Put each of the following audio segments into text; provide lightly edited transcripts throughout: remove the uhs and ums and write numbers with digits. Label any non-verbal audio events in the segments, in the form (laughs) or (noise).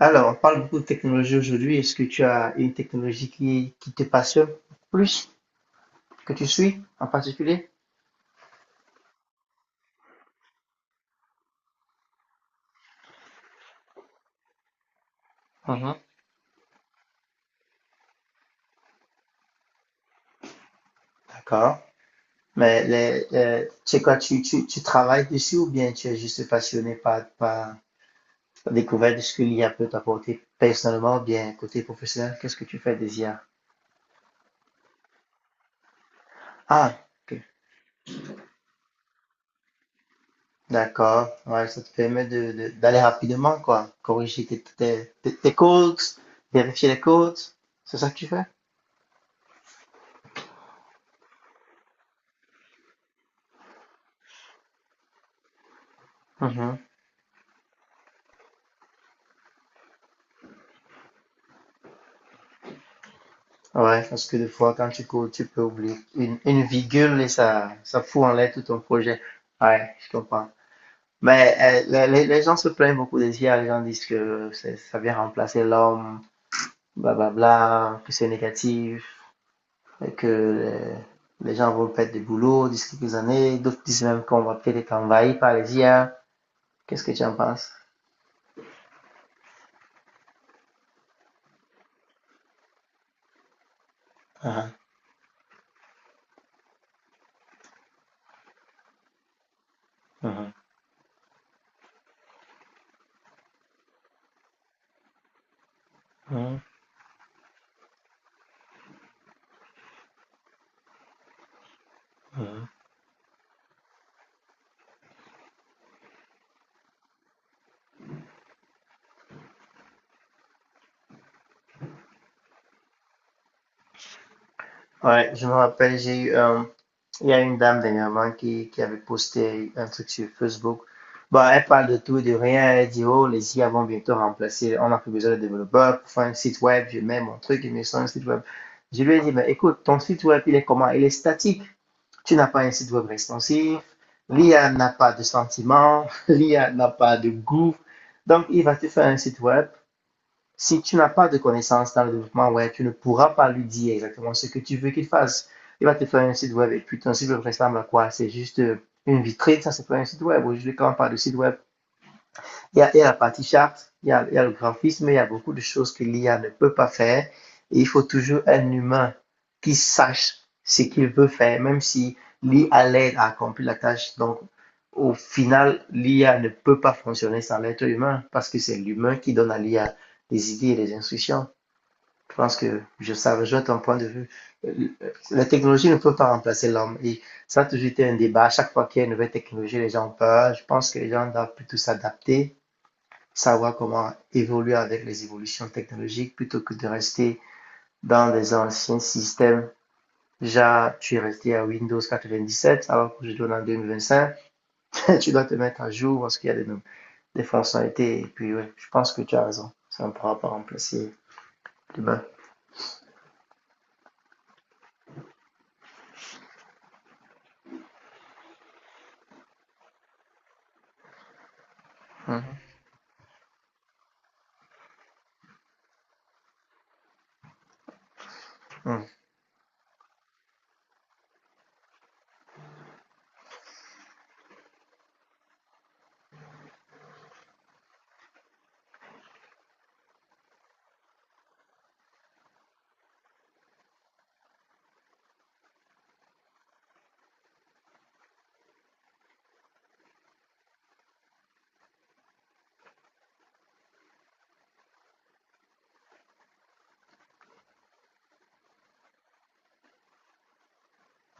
Alors, on parle beaucoup de technologie aujourd'hui. Est-ce que tu as une technologie qui te passionne plus, que tu suis en particulier? Mhm. D'accord. Mais tu sais quoi, tu travailles dessus ou bien tu es juste passionné par la découverte de ce que l'IA peut t'apporter personnellement ou bien côté professionnel? Qu'est-ce que tu fais des IA? Ah, ok. D'accord. Ouais, ça te permet d'aller rapidement, quoi. Corriger tes codes, vérifier les codes. C'est ça que tu fais? Ouais, parce que des fois, quand tu cours, tu peux oublier une virgule et ça fout en l'air tout ton projet. Ouais, je comprends. Mais les gens se plaignent beaucoup des IA, les gens disent que ça vient remplacer l'homme, blablabla, que c'est négatif, et que gens vont perdre du boulot d'ici quelques années. D'autres disent même qu'on va peut-être être envahi par les IA. Qu'est-ce que tu en penses? Ah, mhm, mhm, mhm. Ouais, je me rappelle, j'ai eu un il y a une dame dernièrement qui avait posté un truc sur Facebook. Bah, elle parle de tout et de rien. Elle dit, oh, les IA vont bientôt remplacer. On n'a plus besoin de développeurs pour faire un site web. Je mets mon truc, il me sort un site web. Je lui ai dit, mais écoute, ton site web, il est comment? Il est statique. Tu n'as pas un site web responsif. L'IA n'a pas de sentiments. L'IA (laughs) n'a pas de goût. Donc, il va te faire un site web, si tu n'as pas de connaissances dans le développement web, tu ne pourras pas lui dire exactement ce que tu veux qu'il fasse. Il va te faire un site web et puis ton site web ressemble à quoi? C'est juste une vitrine, ça c'est pas un site web. Aujourd'hui, quand on parle de site web, il y a la partie charte, il y a le graphisme, il y a beaucoup de choses que l'IA ne peut pas faire. Et il faut toujours un humain qui sache ce qu'il veut faire, même si l'IA l'aide à accomplir la tâche. Donc, au final, l'IA ne peut pas fonctionner sans l'être humain parce que c'est l'humain qui donne à l'IA des idées et des instructions. Je pense que je savais, je vois ton point de vue. Euh, La technologie ne peut pas remplacer l'homme. Et ça a toujours été un débat. À chaque fois qu'il y a une nouvelle technologie, les gens ont peur. Je pense que les gens doivent plutôt s'adapter, savoir comment évoluer avec les évolutions technologiques plutôt que de rester dans des anciens systèmes. Déjà, tu es resté à Windows 97, alors que je donne en 2025, (laughs) tu dois te mettre à jour parce qu'il y a des fonctionnalités. Et puis, ouais, je pense que tu as raison. Ça ne pourra pas remplacer l'humain. Mmh. Mmh.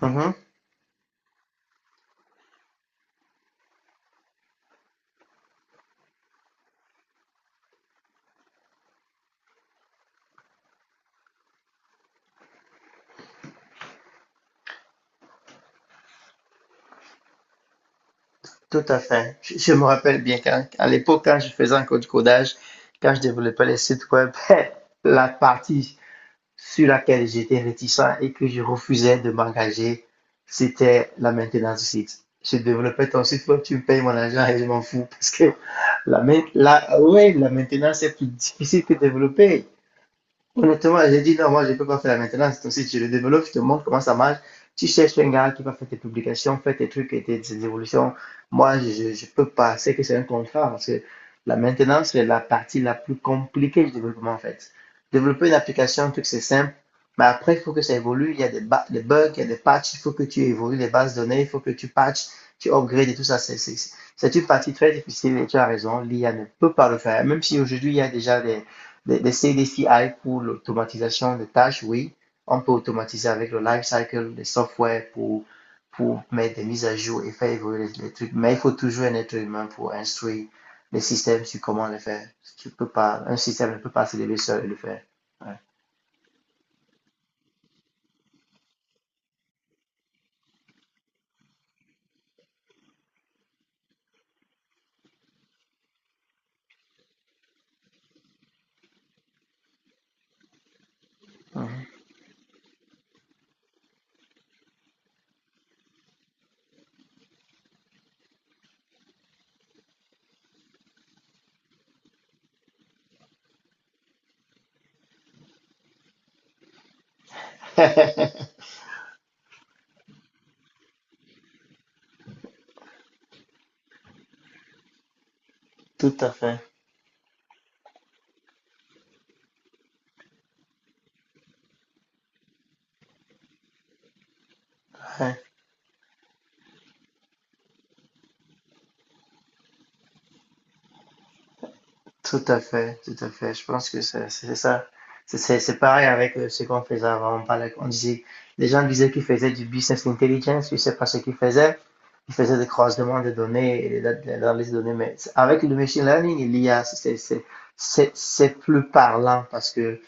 Mmh. Tout à fait. Je me rappelle bien qu'à l'époque, quand je faisais encore du codage, quand je développais les sites web, (laughs) la partie sur laquelle j'étais réticent et que je refusais de m'engager, c'était la maintenance du site. Je développais ton site, toi tu me payes mon argent et je m'en fous parce que la, ouais, la maintenance est plus difficile que développer. Honnêtement, j'ai dit non, moi je ne peux pas faire la maintenance. Donc, si tu le développes, je te montre comment ça marche. Tu cherches un gars qui va faire tes publications, faire tes trucs et tes évolutions. Moi, je peux pas. C'est que c'est un contrat parce que la maintenance, c'est la partie la plus compliquée du développement en fait. Développer une application, un truc, c'est simple. Mais après, il faut que ça évolue. Il y a des bugs, il y a des patchs. Il faut que tu évolues les bases de données. Il faut que tu patches, tu upgrades et tout ça. C'est une partie très difficile et tu as raison. L'IA ne peut pas le faire. Même si aujourd'hui, il y a déjà des CDCI pour l'automatisation des tâches, oui. On peut automatiser avec le lifecycle des software pour mettre des mises à jour et faire évoluer les trucs. Mais il faut toujours un être humain pour instruire les systèmes sur comment le faire. Tu peux pas, un système ne peut pas se lever seul et le faire. Ouais. Mhm. (laughs) Tout à fait. Ouais. Tout à fait, tout à fait. Je pense que c'est ça. C'est pareil avec ce qu'on faisait avant. On parlait, on disait, les gens disaient qu'ils faisaient du business intelligence, je ne sais pas ce qu'ils faisaient. Ils faisaient des croisements de données et des analyses de données. Mais avec le machine learning et l'I a c'est plus parlant parce que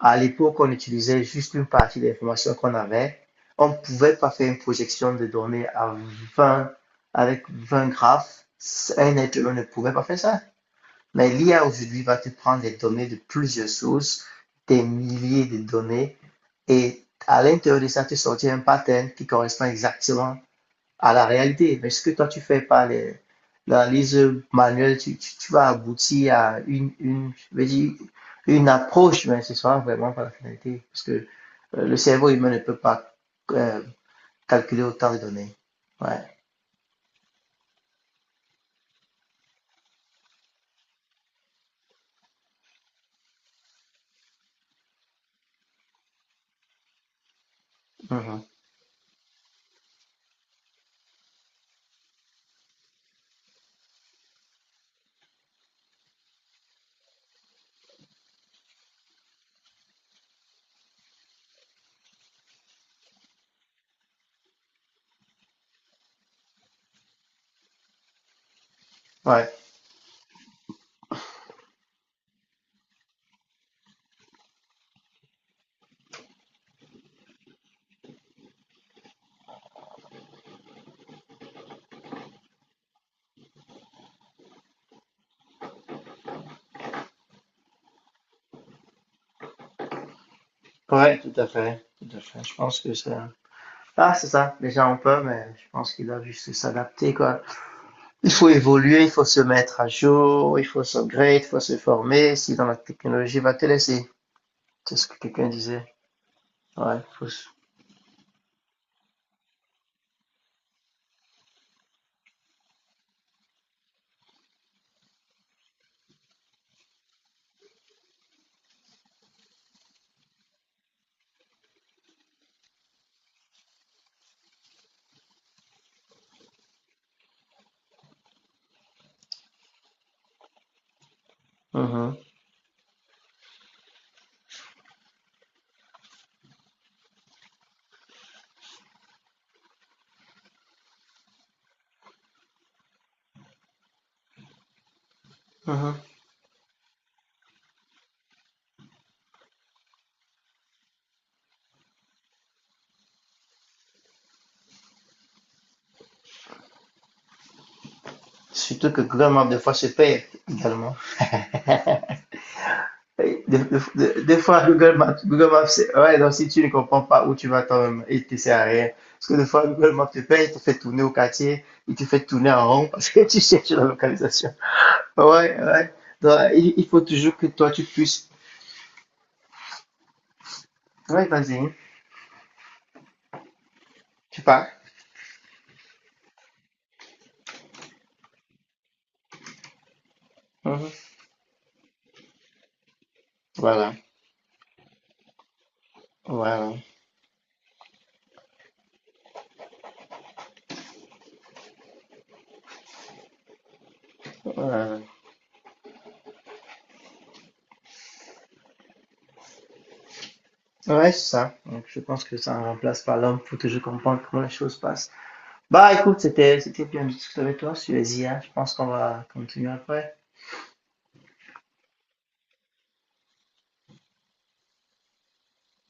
à l'époque, on utilisait juste une partie de l'information qu'on avait. On ne pouvait pas faire une projection de données à 20 avec 20 graphes. Un être humain ne pouvait pas faire ça. Mais l'IA aujourd'hui va te prendre les données de plusieurs sources, des milliers de données, et à l'intérieur de ça, te sortir un pattern qui correspond exactement à la réalité. Mais ce que toi, tu fais par l'analyse manuelle, tu vas aboutir à je veux dire, une approche, mais ce sera vraiment pas la finalité, parce que le cerveau humain ne peut pas euh, calculer autant de données. Ouais. Mhm. Ouais. Ouais, tout à fait. Tout à fait. Je pense que ça. Ah, c'est ça, les gens ont peur, mais je pense qu'ils doivent juste s'adapter, quoi. Il faut évoluer, il faut se mettre à jour, il faut s'upgrade, il faut se former, sinon la technologie va te laisser. C'est ce que quelqu'un disait. Ouais, faut. Mhm, mhm. Surtout que Google Maps, des fois, se perd également. (laughs) Des fois, Google Maps, ouais, donc si tu ne comprends pas où tu vas toi-même, il te sert à rien. Parce que des fois, Google Maps te paye, il te fait tourner au quartier, il te fait tourner en rond parce que tu cherches la localisation. Ouais, ouais. Donc, il faut toujours que toi, tu puisses. Ouais, vas-y, hein. Tu pars. Mhm. Voilà. Voilà. Voilà. Ouais, c'est ça. Donc, je pense que ça ne remplace pas l'homme. Il faut toujours comprendre comment les choses passent. Bah, écoute, c'était bien de discuter avec toi sur les IA. Je pense qu'on va continuer après.